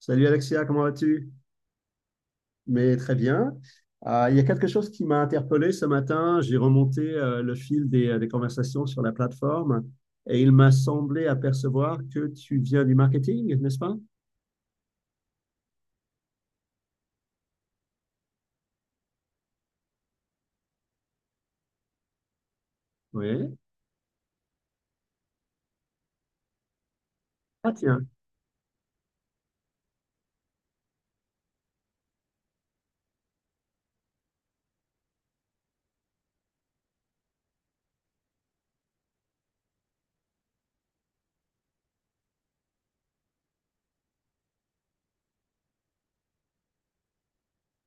Salut Alexia, comment vas-tu? Mais très bien. Il y a quelque chose qui m'a interpellé ce matin. J'ai remonté le fil des conversations sur la plateforme et il m'a semblé apercevoir que tu viens du marketing, n'est-ce pas? Oui. Ah tiens,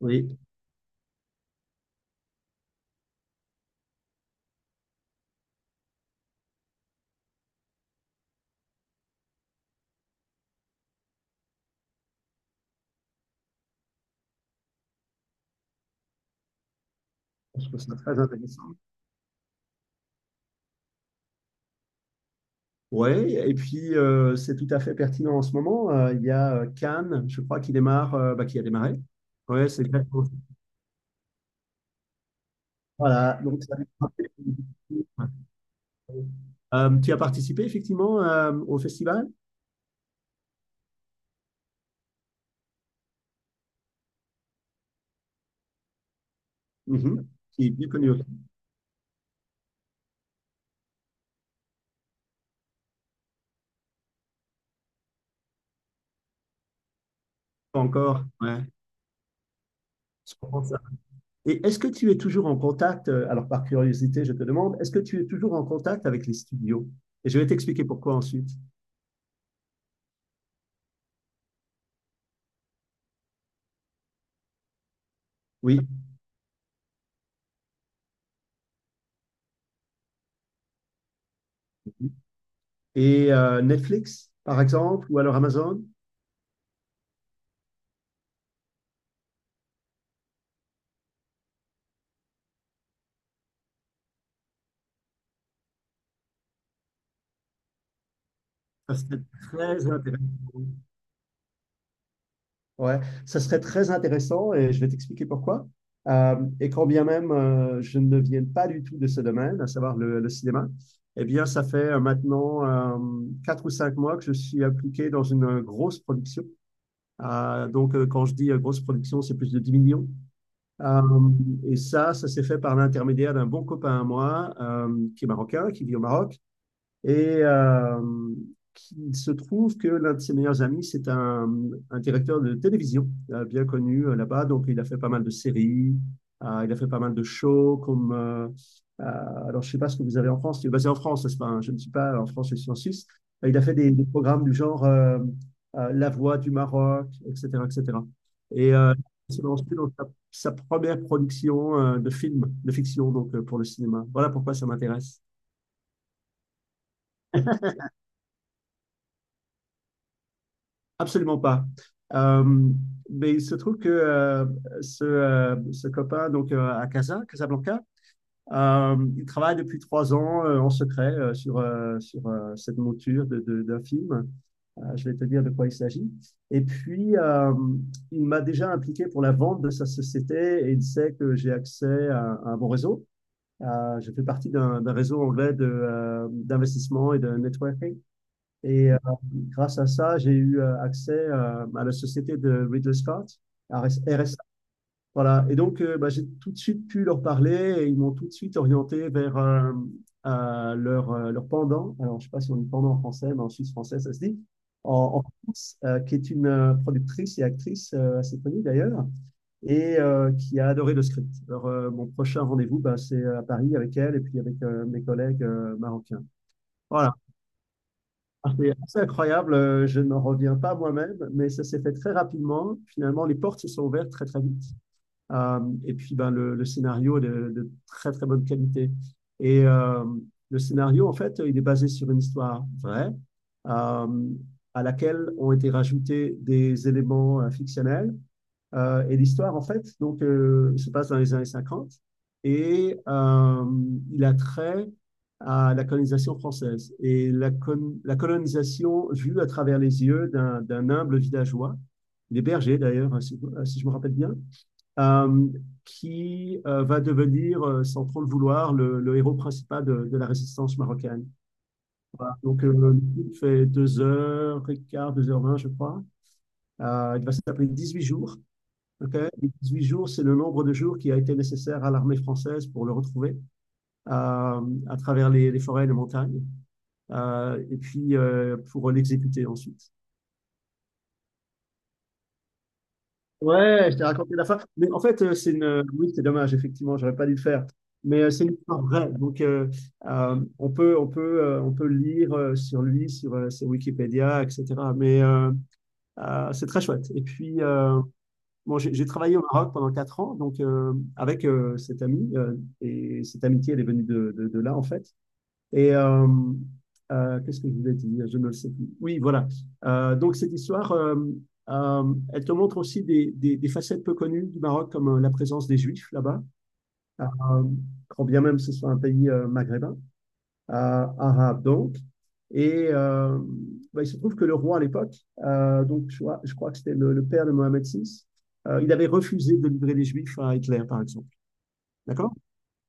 oui. Je trouve ça très intéressant. Oui, et puis c'est tout à fait pertinent en ce moment. Il y a Cannes, je crois, qui démarre, bah, qui a démarré. Oui, c'est exactement ça. Voilà, donc ça a démarré. Tu as participé effectivement au festival? Mhm. Qui est bien connu aussi. Pas encore, ouais. Je comprends ça. Et est-ce que tu es toujours en contact, alors par curiosité, je te demande, est-ce que tu es toujours en contact avec les studios? Et je vais t'expliquer pourquoi ensuite. Oui. Et Netflix, par exemple, ou alors Amazon? Ça, c'est très intéressant. Ouais, ça serait très intéressant et je vais t'expliquer pourquoi. Et quand bien même je ne viens pas du tout de ce domaine, à savoir le cinéma, eh bien, ça fait maintenant 4 ou 5 mois que je suis impliqué dans une grosse production. Donc, quand je dis grosse production, c'est plus de 10 millions. Euh, et ça s'est fait par l'intermédiaire d'un bon copain à moi qui est marocain, qui vit au Maroc et euh, il se trouve que l'un de ses meilleurs amis, c'est un directeur de télévision bien connu là-bas. Donc, il a fait pas mal de séries, il a fait pas mal de shows comme. Euh, alors, je ne sais pas ce que vous avez en France. Il est basé en France, n'est-ce pas? Hein, je ne suis pas en France, je suis en Suisse. Il a fait des programmes du genre La Voix du Maroc, etc., etc. Et cetera. Et il se lance dans sa première production de film, de fiction, donc pour le cinéma. Voilà pourquoi ça m'intéresse. Absolument pas. Euh, mais il se trouve que ce copain donc à Casa, Casablanca, il travaille depuis 3 ans en secret sur, sur cette monture d'un film. Je vais te dire de quoi il s'agit. Et puis, il m'a déjà impliqué pour la vente de sa société et il sait que j'ai accès à un bon réseau. Je fais partie d'un réseau anglais d'investissement et de networking et grâce à ça, j'ai eu accès à la société de Ridley Scott, RSA. Voilà. Et donc, bah, j'ai tout de suite pu leur parler et ils m'ont tout de suite orienté vers leur pendant. Alors, je ne sais pas si on dit pendant en français, mais en suisse français, ça se dit. En France, qui est une productrice et actrice assez connue d'ailleurs, et qui a adoré le script. Alors, mon prochain rendez-vous, bah, c'est à Paris avec elle et puis avec mes collègues marocains. Voilà. Ah, c'est assez incroyable, je n'en reviens pas moi-même, mais ça s'est fait très rapidement. Finalement, les portes se sont ouvertes très très vite. Et puis, ben, le scénario est de très très bonne qualité. Et le scénario, en fait, il est basé sur une histoire vraie, euh, à laquelle ont été rajoutés des éléments fictionnels et l'histoire, en fait, donc, se passe dans les années 50 et il a trait à la colonisation française et la colonisation vue à travers les yeux d'un humble villageois, des bergers d'ailleurs, hein, si je me rappelle bien, euh, qui va devenir, sans trop le vouloir, le héros principal de la résistance marocaine. Voilà. Donc, le fait deux heures et quart, deux heures vingt, je crois. Il va s'appeler 8 jours. Okay. 18 jours, c'est le nombre de jours qui a été nécessaire à l'armée française pour le retrouver à travers les forêts et les montagnes, et puis pour l'exécuter ensuite. Ouais, je t'ai raconté la fin. Mais en fait, c'est oui, c'est dommage, effectivement, j'aurais pas dû le faire. Mais c'est une histoire vraie. Donc, on peut lire sur lui, sur Wikipédia, etc. Mais c'est très chouette. Et puis, bon, j'ai travaillé au Maroc pendant 4 ans, donc avec cet ami, et cette amitié, elle est venue de là, en fait. Et qu'est-ce que je voulais dire? Je ne le sais plus. Oui, voilà. Donc, cette histoire, elle te montre aussi des facettes peu connues du Maroc, comme la présence des Juifs là-bas, euh, quand bien même ce soit un pays maghrébin à donc. Et bah, il se trouve que le roi à l'époque, donc je crois que c'était père de Mohammed VI, il avait refusé de livrer les Juifs à Hitler, par exemple. D'accord.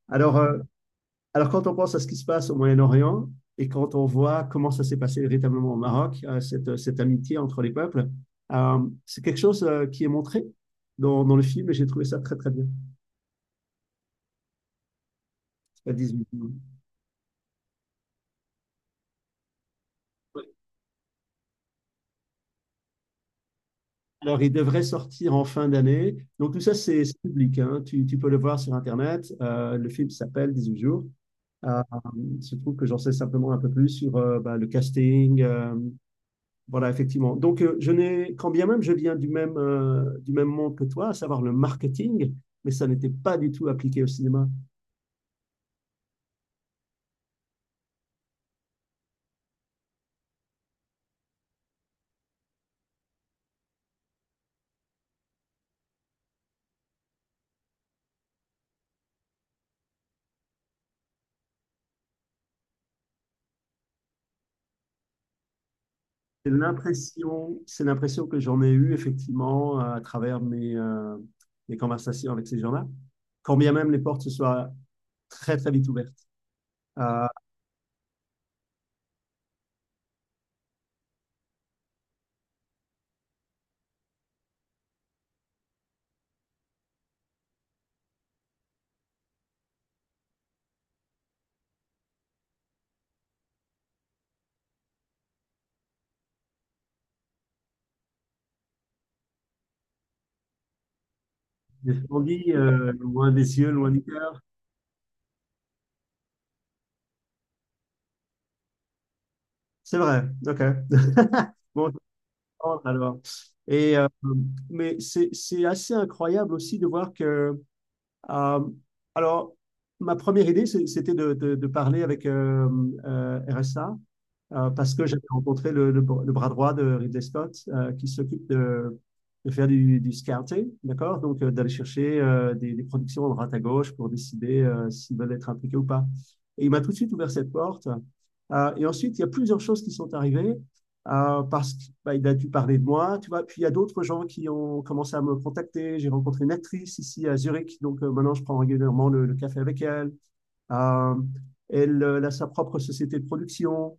alors, euh, alors, quand on pense à ce qui se passe au Moyen-Orient et quand on voit comment ça s'est passé véritablement au Maroc, amitié entre les peuples, euh, c'est quelque chose qui est montré dans le film et j'ai trouvé ça très, très bien. 18. Alors, il devrait sortir en fin d'année. Donc, tout ça, c'est public, hein. Tu peux le voir sur Internet. Le film s'appelle 18 jours. Euh, il se trouve que j'en sais simplement un peu plus sur bah, le casting. Voilà, effectivement. Donc, je n'ai, quand bien même je viens du même monde que toi, à savoir le marketing, mais ça n'était pas du tout appliqué au cinéma. C'est l'impression que j'en ai eue, effectivement, à travers mes conversations avec ces gens-là, quand bien même les portes se soient très, très vite ouvertes. Ah, c'est ce qu'on dit, loin des cieux, loin du cœur. C'est vrai, ok. Bon, je vais alors. Et, mais c'est assez incroyable aussi de voir que Euh, alors, ma première idée, c'était parler avec RSA parce que j'avais rencontré le bras droit de Ridley Scott qui s'occupe faire du scouting, d'accord. Donc, d'aller chercher productions de droite à gauche pour décider s'ils veulent être impliqués ou pas. Et il m'a tout de suite ouvert cette porte. Et ensuite, il y a plusieurs choses qui sont arrivées parce qu'il bah, a dû parler de moi, tu vois. Puis il y a d'autres gens qui ont commencé à me contacter. J'ai rencontré une actrice ici à Zurich, donc maintenant je prends régulièrement le café avec elle. Euh, Elle, elle a sa propre société de production.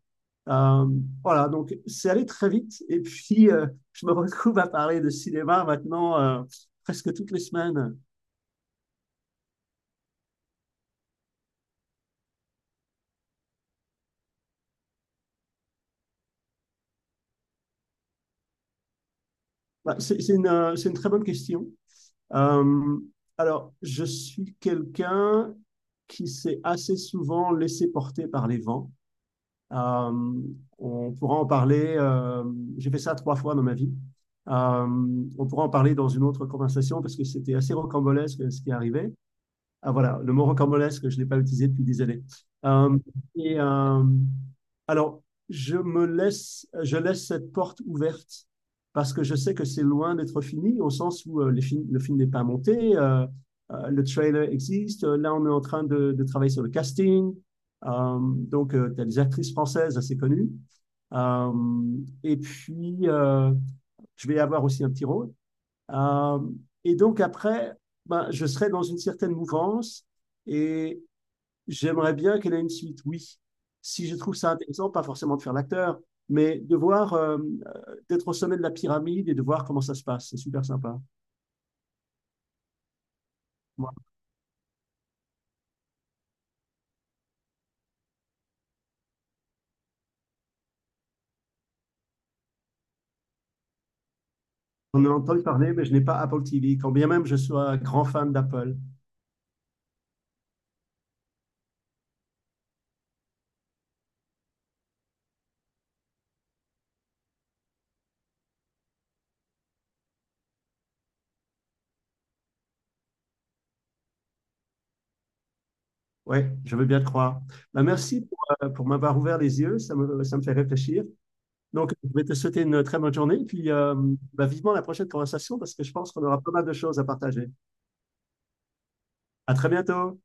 Euh, voilà, donc c'est allé très vite. Et puis je me retrouve à parler de cinéma maintenant presque toutes les semaines. Bah, c'est une très bonne question. Euh, alors, je suis quelqu'un qui s'est assez souvent laissé porter par les vents. Euh, on pourra en parler. J'ai fait ça 3 fois dans ma vie. euh, on pourra en parler dans une autre conversation parce que c'était assez rocambolesque ce qui est arrivé. Ah, voilà, le mot rocambolesque, je ne l'ai pas utilisé depuis des années. Euh, et alors, je laisse cette porte ouverte parce que je sais que c'est loin d'être fini, au sens où le film n'est pas monté, le trailer existe, là on est en train de travailler sur le casting. Euh, donc tu as des actrices françaises assez connues, Euh, et puis je vais avoir aussi un petit rôle, euh, et donc après, ben, je serais dans une certaine mouvance et j'aimerais bien qu'elle ait une suite, oui. Si je trouve ça intéressant, pas forcément de faire l'acteur, mais de voir, d'être au sommet de la pyramide et de voir comment ça se passe, c'est super sympa. Moi, on en a entendu parler, mais je n'ai pas Apple TV, quand bien même je sois grand fan d'Apple. Ouais, je veux bien te croire. Ben, merci pour m'avoir ouvert les yeux, ça me fait réfléchir. Donc, je vais te souhaiter une très bonne journée, puis bah, vivement la prochaine conversation parce que je pense qu'on aura pas mal de choses à partager. À très bientôt.